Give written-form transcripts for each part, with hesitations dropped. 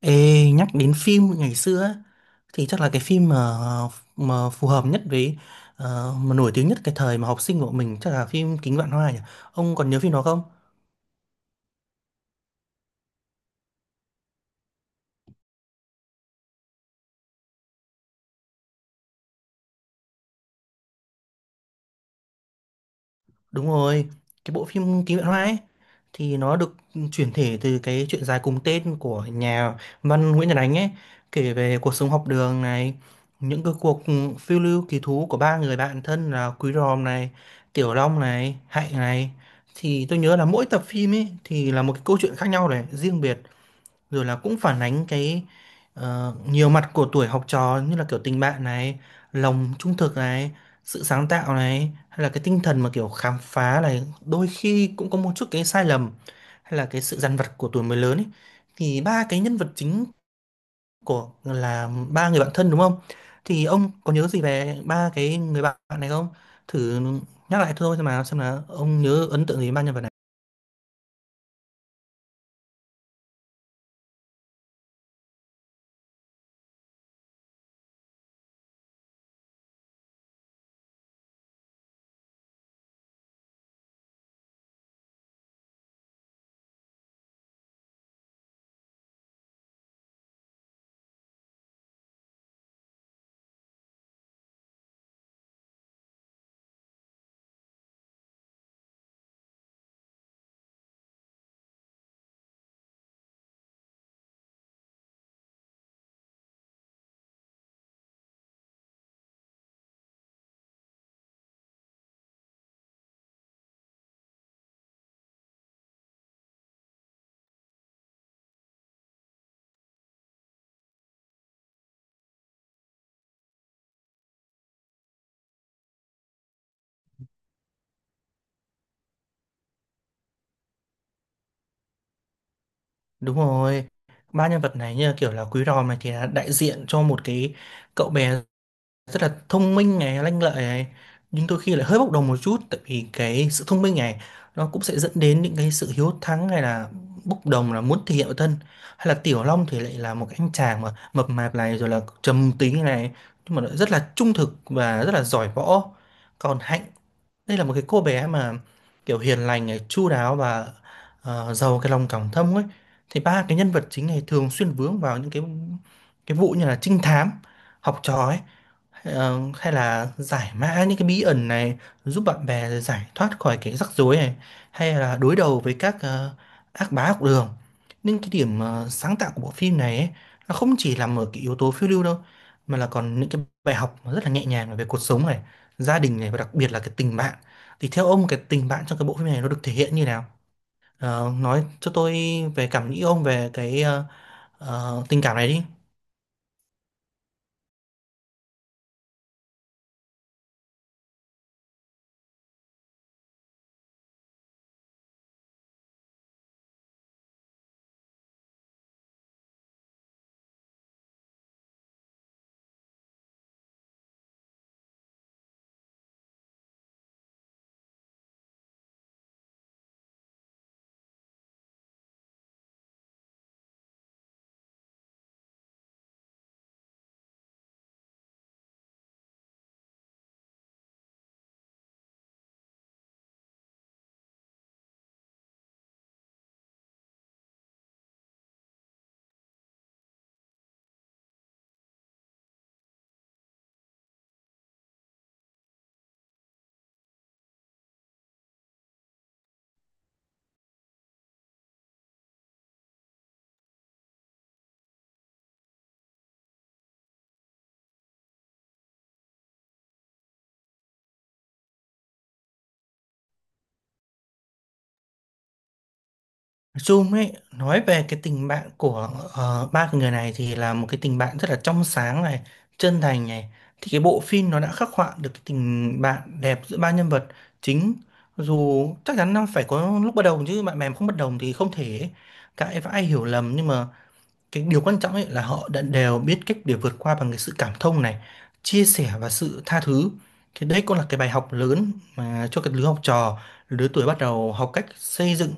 Ê, nhắc đến phim ngày xưa á, thì chắc là cái phim mà phù hợp nhất với mà nổi tiếng nhất cái thời mà học sinh của mình chắc là phim Kính Vạn Hoa nhỉ. Ông còn nhớ phim đó không? Đúng rồi, cái bộ phim Ký Vạn Hoa ấy thì nó được chuyển thể từ cái truyện dài cùng tên của nhà văn Nguyễn Nhật Ánh ấy, kể về cuộc sống học đường này, những cái cuộc phiêu lưu kỳ thú của ba người bạn thân là Quý Ròm này, Tiểu Long này, Hạnh này. Thì tôi nhớ là mỗi tập phim ấy thì là một cái câu chuyện khác nhau này, riêng biệt rồi là cũng phản ánh cái nhiều mặt của tuổi học trò như là kiểu tình bạn này, lòng trung thực này, sự sáng tạo này hay là cái tinh thần mà kiểu khám phá này, đôi khi cũng có một chút cái sai lầm hay là cái sự dằn vặt của tuổi mới lớn ấy. Thì ba cái nhân vật chính của là ba người bạn thân đúng không? Thì ông có nhớ gì về ba cái người bạn này không? Thử nhắc lại thôi xem nào xem là ông nhớ ấn tượng gì về ba nhân vật này. Đúng rồi, ba nhân vật này như là kiểu là Quý Ròm này thì là đại diện cho một cái cậu bé rất là thông minh này, lanh lợi này, nhưng đôi khi lại hơi bốc đồng một chút tại vì cái sự thông minh này nó cũng sẽ dẫn đến những cái sự hiếu thắng hay là bốc đồng là muốn thể hiện bản thân. Hay là Tiểu Long thì lại là một cái anh chàng mà mập mạp này rồi là trầm tính này, nhưng mà lại rất là trung thực và rất là giỏi võ. Còn Hạnh đây là một cái cô bé mà kiểu hiền lành này, chu đáo và giàu cái lòng cảm thông ấy, thì ba cái nhân vật chính này thường xuyên vướng vào những cái vụ như là trinh thám học trò ấy. Hay là giải mã những cái bí ẩn này, giúp bạn bè giải thoát khỏi cái rắc rối này, hay là đối đầu với các ác bá học đường. Nhưng cái điểm sáng tạo của bộ phim này ấy, nó không chỉ nằm ở cái yếu tố phiêu lưu đâu, mà là còn những cái bài học mà rất là nhẹ nhàng về cuộc sống này, gia đình này và đặc biệt là cái tình bạn. Thì theo ông cái tình bạn trong cái bộ phim này nó được thể hiện như nào? Nói cho tôi về cảm nghĩ ông về cái tình cảm này đi. Zoom ấy nói về cái tình bạn của ba cái người này thì là một cái tình bạn rất là trong sáng này, chân thành này. Thì cái bộ phim nó đã khắc họa được cái tình bạn đẹp giữa ba nhân vật chính. Dù chắc chắn nó phải có lúc bất đồng, chứ bạn bè mà không bất đồng thì không thể cãi vã hiểu lầm, nhưng mà cái điều quan trọng ấy là họ đã đều biết cách để vượt qua bằng cái sự cảm thông này, chia sẻ và sự tha thứ. Thì đấy cũng là cái bài học lớn mà cho cái lứa học trò, lứa tuổi bắt đầu học cách xây dựng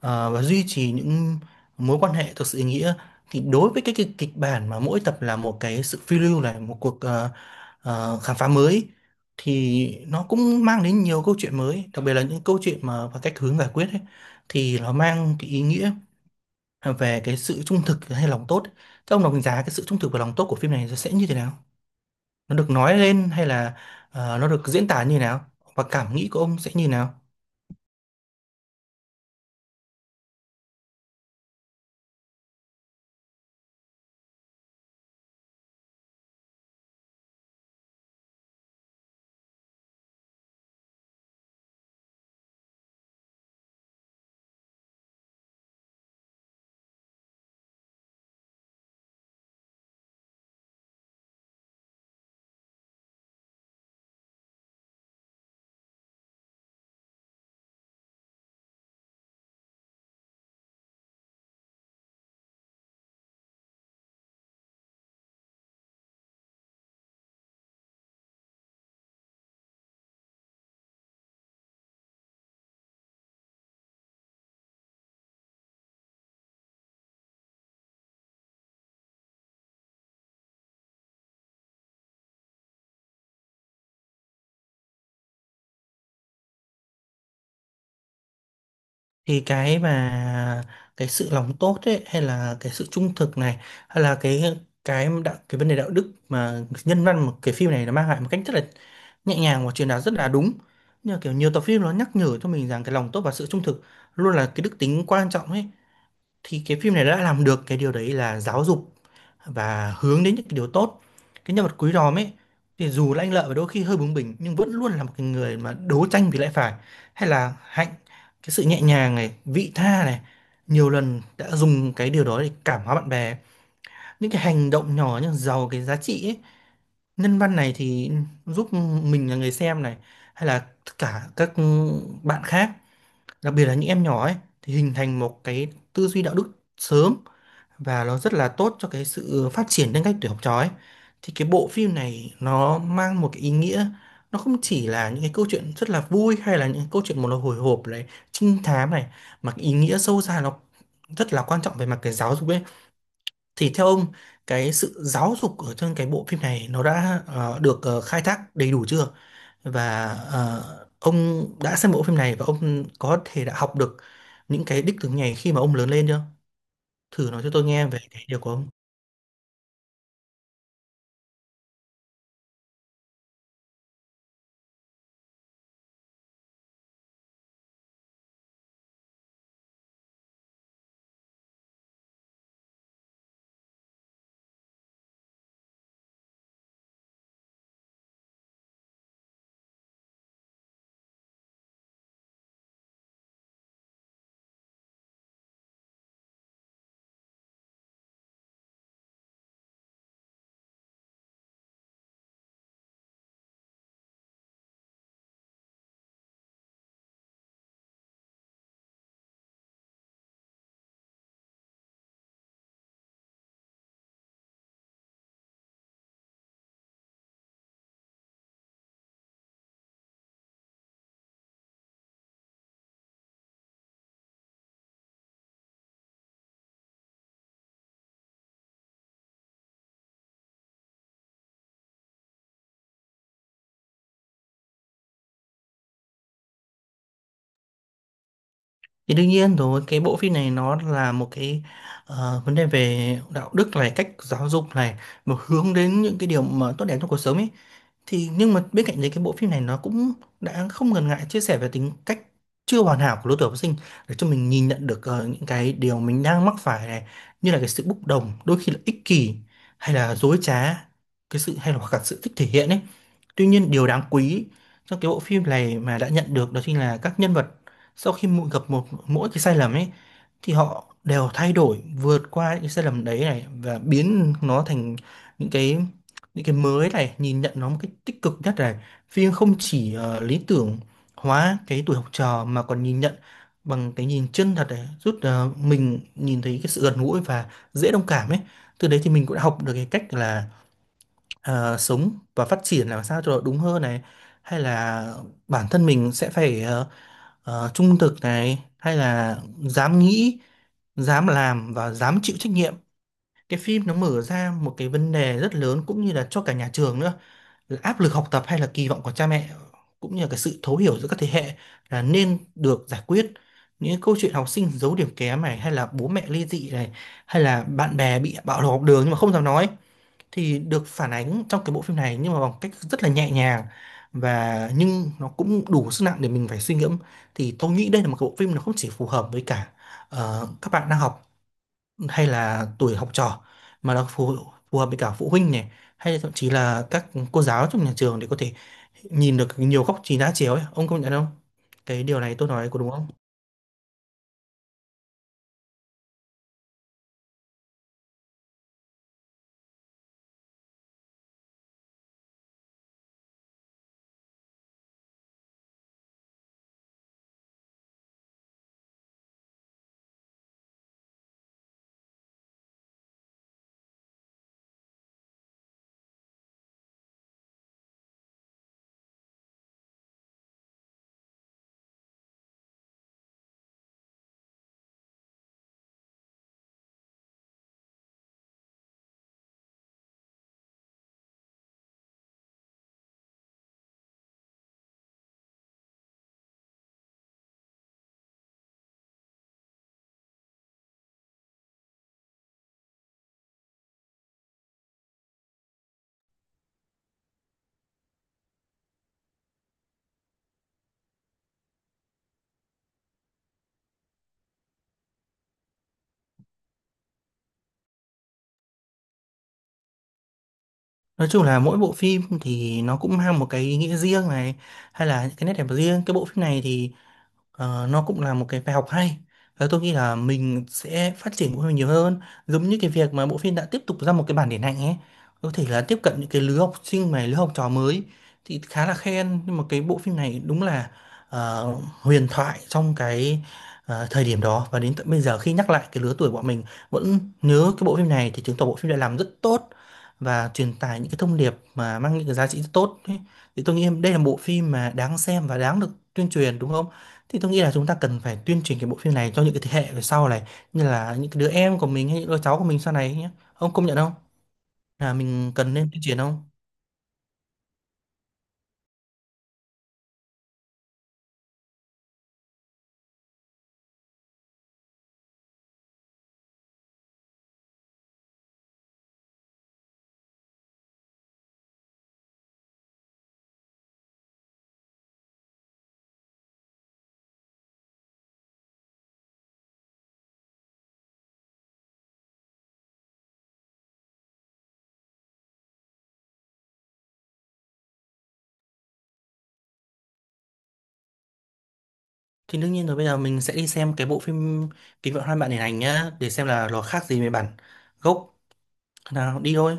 và duy trì những mối quan hệ thực sự ý nghĩa. Thì đối với cái kịch bản mà mỗi tập là một cái sự phiêu lưu này, một cuộc khám phá mới, thì nó cũng mang đến nhiều câu chuyện mới, đặc biệt là những câu chuyện mà và cách hướng giải quyết ấy, thì nó mang cái ý nghĩa về cái sự trung thực hay lòng tốt. Thế ông đánh giá cái sự trung thực và lòng tốt của phim này sẽ như thế nào? Nó được nói lên hay là nó được diễn tả như thế nào? Và cảm nghĩ của ông sẽ như thế nào? Thì cái mà cái sự lòng tốt ấy hay là cái sự trung thực này, hay là cái đạo cái vấn đề đạo đức mà nhân văn mà cái phim này nó mang lại một cách rất là nhẹ nhàng và truyền đạt rất là đúng. Nhưng mà kiểu nhiều tập phim nó nhắc nhở cho mình rằng cái lòng tốt và sự trung thực luôn là cái đức tính quan trọng ấy. Thì cái phim này đã làm được cái điều đấy là giáo dục và hướng đến những cái điều tốt. Cái nhân vật Quý Ròm ấy, thì dù là anh Lợi và đôi khi hơi bướng bỉnh nhưng vẫn luôn là một cái người mà đấu tranh vì lẽ phải. Hay là Hạnh, cái sự nhẹ nhàng này, vị tha này, nhiều lần đã dùng cái điều đó để cảm hóa bạn bè, những cái hành động nhỏ nhưng giàu cái giá trị ấy. Nhân văn này thì giúp mình là người xem này, hay là tất cả các bạn khác, đặc biệt là những em nhỏ ấy, thì hình thành một cái tư duy đạo đức sớm và nó rất là tốt cho cái sự phát triển nhân cách tuổi học trò ấy. Thì cái bộ phim này nó mang một cái ý nghĩa, nó không chỉ là những cái câu chuyện rất là vui hay là những cái câu chuyện một là hồi hộp này, trinh thám này, mà cái ý nghĩa sâu xa nó rất là quan trọng về mặt cái giáo dục ấy. Thì theo ông, cái sự giáo dục ở trong cái bộ phim này nó đã được khai thác đầy đủ chưa? Và ông đã xem bộ phim này và ông có thể đã học được những cái đích tướng này khi mà ông lớn lên chưa? Thử nói cho tôi nghe về cái điều của ông. Thì đương nhiên rồi, cái bộ phim này nó là một cái vấn đề về đạo đức này, cách giáo dục này, một hướng đến những cái điều mà tốt đẹp trong cuộc sống ấy. Thì nhưng mà bên cạnh đấy cái bộ phim này nó cũng đã không ngần ngại chia sẻ về tính cách chưa hoàn hảo của lứa tuổi học sinh, để cho mình nhìn nhận được những cái điều mình đang mắc phải này, như là cái sự bốc đồng, đôi khi là ích kỷ hay là dối trá, cái sự hay là hoặc là sự thích thể hiện ấy. Tuy nhiên điều đáng quý trong cái bộ phim này mà đã nhận được đó chính là các nhân vật sau khi gặp một mỗi cái sai lầm ấy, thì họ đều thay đổi vượt qua những cái sai lầm đấy này và biến nó thành những cái những cái mới này, nhìn nhận nó một cách tích cực nhất này. Phim không chỉ lý tưởng hóa cái tuổi học trò mà còn nhìn nhận bằng cái nhìn chân thật này, giúp mình nhìn thấy cái sự gần gũi và dễ đồng cảm ấy. Từ đấy thì mình cũng đã học được cái cách là sống và phát triển làm sao cho nó đúng hơn này, hay là bản thân mình sẽ phải trung thực này, hay là dám nghĩ, dám làm và dám chịu trách nhiệm. Cái phim nó mở ra một cái vấn đề rất lớn cũng như là cho cả nhà trường nữa, là áp lực học tập hay là kỳ vọng của cha mẹ, cũng như là cái sự thấu hiểu giữa các thế hệ là nên được giải quyết. Những câu chuyện học sinh giấu điểm kém này, hay là bố mẹ ly dị này, hay là bạn bè bị bạo lực học đường nhưng mà không dám nói, thì được phản ánh trong cái bộ phim này nhưng mà bằng cách rất là nhẹ nhàng và nhưng nó cũng đủ sức nặng để mình phải suy ngẫm. Thì tôi nghĩ đây là một cái bộ phim nó không chỉ phù hợp với cả các bạn đang học hay là tuổi học trò, mà nó phù phù hợp với cả phụ huynh này, hay là thậm chí là các cô giáo trong nhà trường để có thể nhìn được nhiều góc nhìn đa chiều ấy. Ông công nhận không? Cái điều này tôi nói có đúng không? Nói chung là mỗi bộ phim thì nó cũng mang một cái ý nghĩa riêng này, hay là những cái nét đẹp riêng. Cái bộ phim này thì nó cũng là một cái bài học hay, và tôi nghĩ là mình sẽ phát triển bộ phim nhiều hơn, giống như cái việc mà bộ phim đã tiếp tục ra một cái bản điện ảnh ấy, có thể là tiếp cận những cái lứa học sinh mà lứa học trò mới. Thì khá là khen, nhưng mà cái bộ phim này đúng là ờ, huyền thoại trong cái thời điểm đó, và đến tận bây giờ khi nhắc lại cái lứa tuổi bọn mình vẫn nhớ cái bộ phim này, thì chứng tỏ bộ phim đã làm rất tốt và truyền tải những cái thông điệp mà mang những cái giá trị rất tốt ấy. Thì tôi nghĩ đây là bộ phim mà đáng xem và đáng được tuyên truyền đúng không? Thì tôi nghĩ là chúng ta cần phải tuyên truyền cái bộ phim này cho những cái thế hệ về sau này, như là những cái đứa em của mình hay những đứa cháu của mình sau này nhé. Ông công nhận không? Là mình cần nên tuyên truyền không? Thì đương nhiên rồi, bây giờ mình sẽ đi xem cái bộ phim Kính Vạn Hoa bạn điện ảnh nhá, để xem là nó khác gì với bản gốc. Nào đi thôi.